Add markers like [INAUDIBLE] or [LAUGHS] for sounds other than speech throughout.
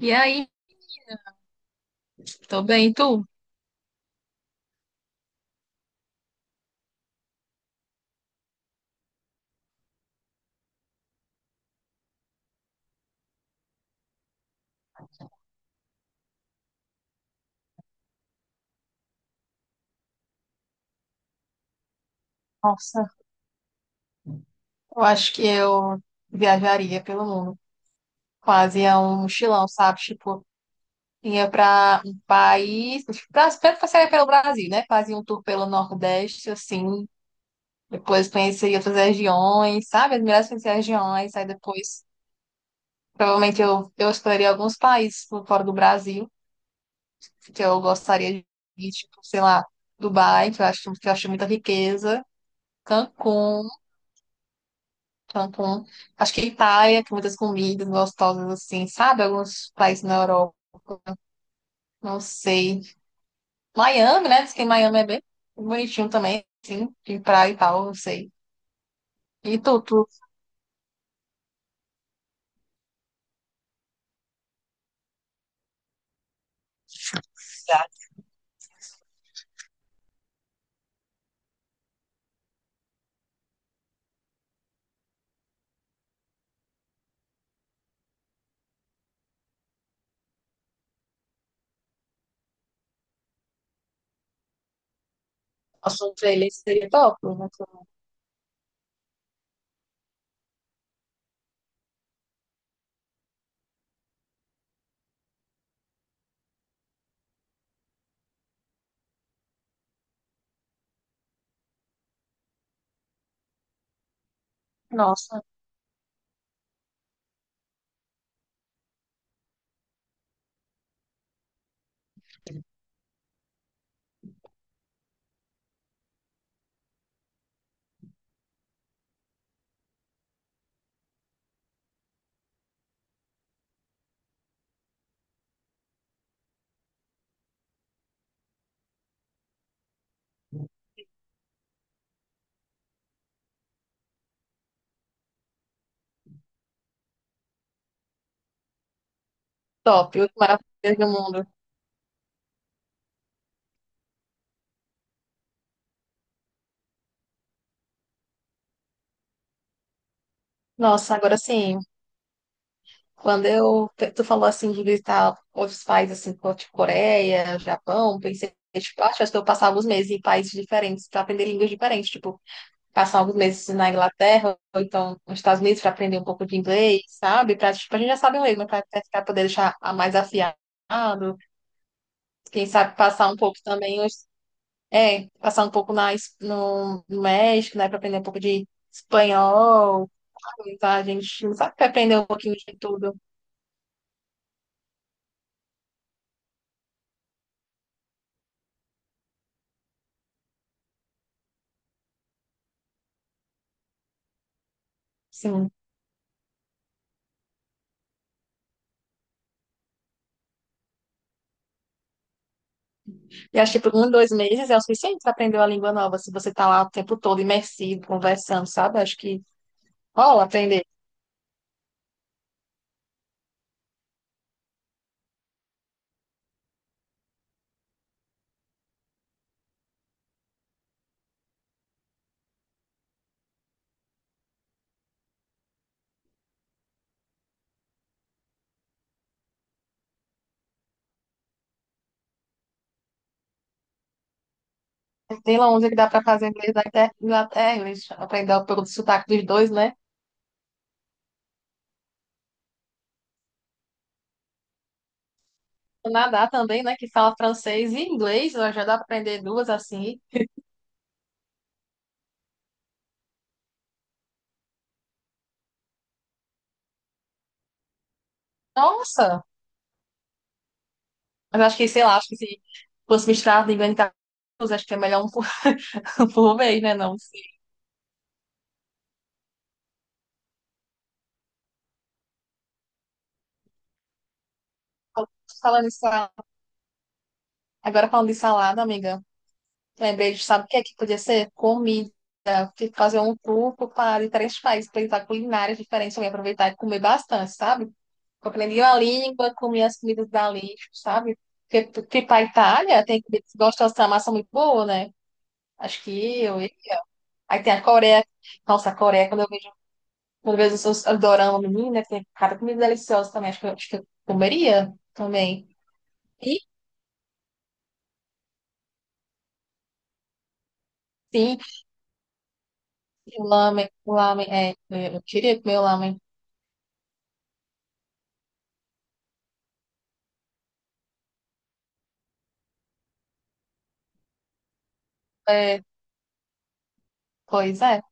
E aí? Tô bem, e tu? Nossa, eu acho que eu viajaria pelo mundo. Fazia um mochilão, sabe? Tipo, ia pra um país. Tipo, pra, primeiro passaria pelo Brasil, né? Fazia um tour pelo Nordeste, assim. Depois conheceria outras regiões, sabe? As melhores, conhecer as regiões. Aí depois, provavelmente, eu exploraria alguns países por fora do Brasil, que eu gostaria de ir, tipo, sei lá, Dubai, que eu acho muita riqueza. Cancún. Cancún. Acho que Itália tem muitas comidas gostosas assim, sabe? Alguns países na Europa. Não sei. Miami, né? Diz que Miami é bem bonitinho também, assim, de praia e tal, não sei. E a sua playlist seria top, né? Nossa, top, o maravilha do mundo. Nossa, agora sim, quando eu, tu falou assim de visitar outros países, assim, como, tipo Coreia, Japão, pensei, tipo, acho que eu passava os meses em países diferentes para aprender línguas diferentes, tipo, passar alguns meses na Inglaterra, ou então nos Estados Unidos, para aprender um pouco de inglês, sabe? Para tipo, a gente já sabe o inglês, mas para poder deixar a mais afiado, quem sabe passar um pouco também, é, passar um pouco na, no México, né, para aprender um pouco de espanhol, sabe? Tá? A gente não sabe, que aprender um pouquinho de tudo. Sim. E acho que por um, dois meses é o suficiente para aprender uma língua nova, se você tá lá o tempo todo imersivo, conversando, sabe? Acho que rola aprender. Tem Londres que dá para fazer inglês da Inglaterra, inglês, aprender pelo sotaque dos dois, né? Canadá também, né? Que fala francês e inglês, ó, já dá para aprender duas assim. Nossa! Mas acho que, sei lá, acho que se fosse misturar língua em casa, acho que é melhor [LAUGHS] por vez, né? Não. Sim. Falando isso, agora falando de salada, amiga, lembrei de, sabe o que é que podia ser? Comida. Fazer um tour para diferentes países, para culinárias diferentes, também aproveitar e comer bastante, sabe? Aprendi a língua, comi as comidas dali, sabe? Porque para a Itália tem que gostar dessa massa muito boa, né? Acho que eu. Aí tem a Coreia. Nossa, a Coreia, quando eu vejo os dorama, menina, tem cada comida deliciosa também. Acho que eu comeria também. E sim, o lamen, é, eu queria comer o lamen. É, pois é.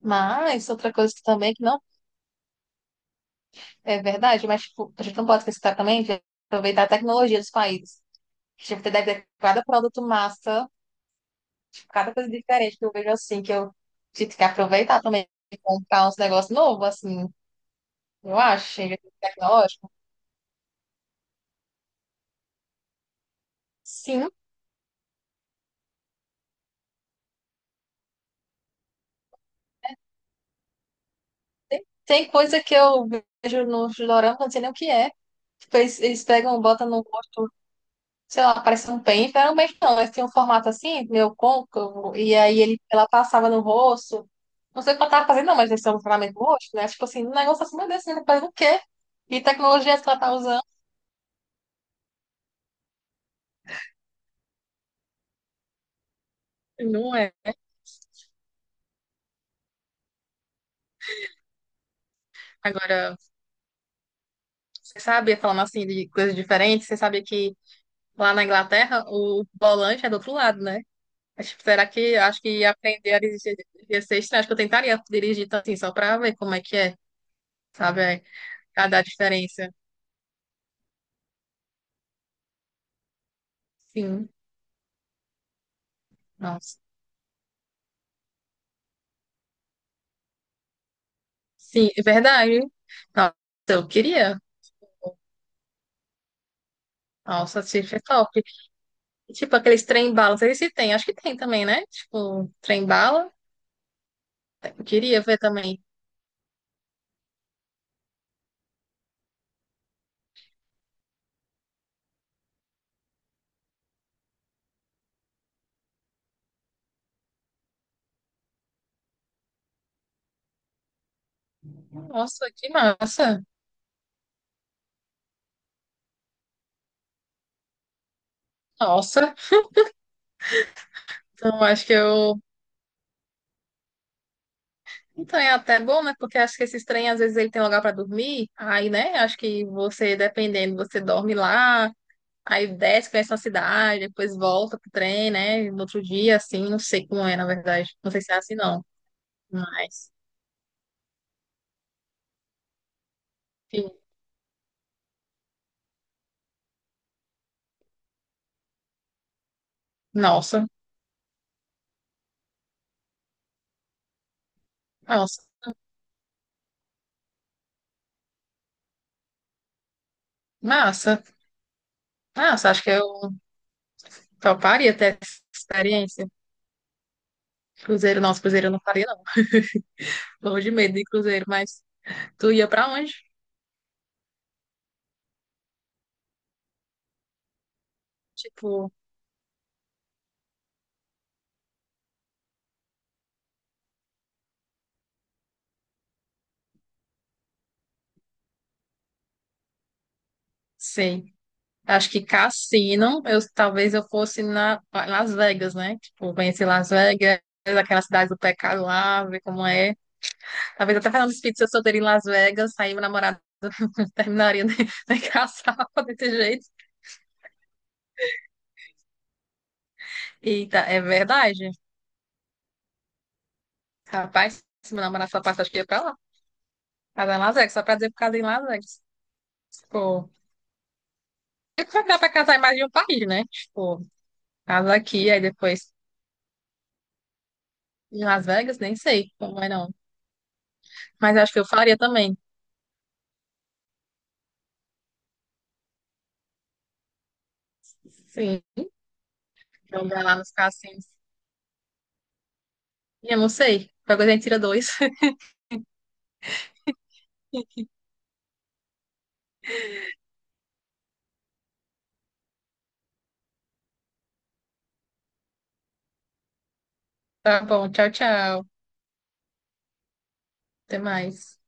Mas outra coisa que também que não é verdade, mas tipo, a gente não pode esquecer também de aproveitar a tecnologia dos países. Gente, deve ter cada produto massa, tipo, cada coisa diferente que eu vejo assim, que eu tive que aproveitar também e comprar uns negócios novos, assim, eu acho, em tecnológico. Sim, tem coisa que eu vejo nos doramas, não sei nem o que é. Tipo, eles pegam, botam no rosto, sei lá, parece um pente, era um pente não, eles tinham um formato assim, meio côncavo, e aí ele, ela passava no rosto. Não sei o que ela tava fazendo, não, mas eles são um formato no rosto, né? Tipo assim, um negócio assim, meu Deus, você tá fazendo o quê? E tecnologias que ela tá usando. Não é. Agora. Você sabia, falando assim de coisas diferentes, você sabia que lá na Inglaterra o volante é do outro lado, né? Mas, tipo, será que, acho que aprender a dirigir ia ser estranho? Acho que eu tentaria dirigir tanto assim, só pra ver como é que é, sabe? É, cada a diferença. Sim, nossa. Sim, é verdade. Nossa, eu queria. Nossa, se é top. Tipo, aqueles trem-bala, não sei se tem, acho que tem também, né? Tipo, trem-bala. Eu queria ver também. Nossa, que massa. Nossa. Então, acho que eu. Então é até bom, né? Porque acho que esses trem, às vezes, ele tem lugar para dormir. Aí, né? Acho que você, dependendo, você dorme lá, aí desce, conhece uma cidade, depois volta pro trem, né? No outro dia, assim, não sei como é, na verdade. Não sei se é assim, não. Mas, enfim, nossa, nossa, massa. Massa, acho que eu toparia ter essa experiência. Cruzeiro, nossa, cruzeiro eu não faria, não. Morro de medo de cruzeiro, mas tu ia pra onde? Tipo, sei. Acho que cassino, eu, talvez eu fosse na Las Vegas, né? Tipo, conhecer Las Vegas, aquela cidade do pecado lá, ver como é. Talvez até fazendo espírito se eu solteira em Las Vegas, aí meu namorado [LAUGHS] terminaria de casar [LAUGHS] desse jeito. Eita, é verdade. Rapaz, se meu namorado só passa, acho que ia pra lá. Casar em Las Vegas, só pra dizer por causa em Las Vegas. Tipo, é que dá pra casar em mais de um país, né? Tipo, casa aqui, aí depois em Las Vegas, nem sei como é não. Mas acho que eu faria também. Sim. Jogar lá nos cassinos. E eu não sei. Qualquer coisa a gente tira dois. [LAUGHS] Tá bom, tchau, tchau. Até mais.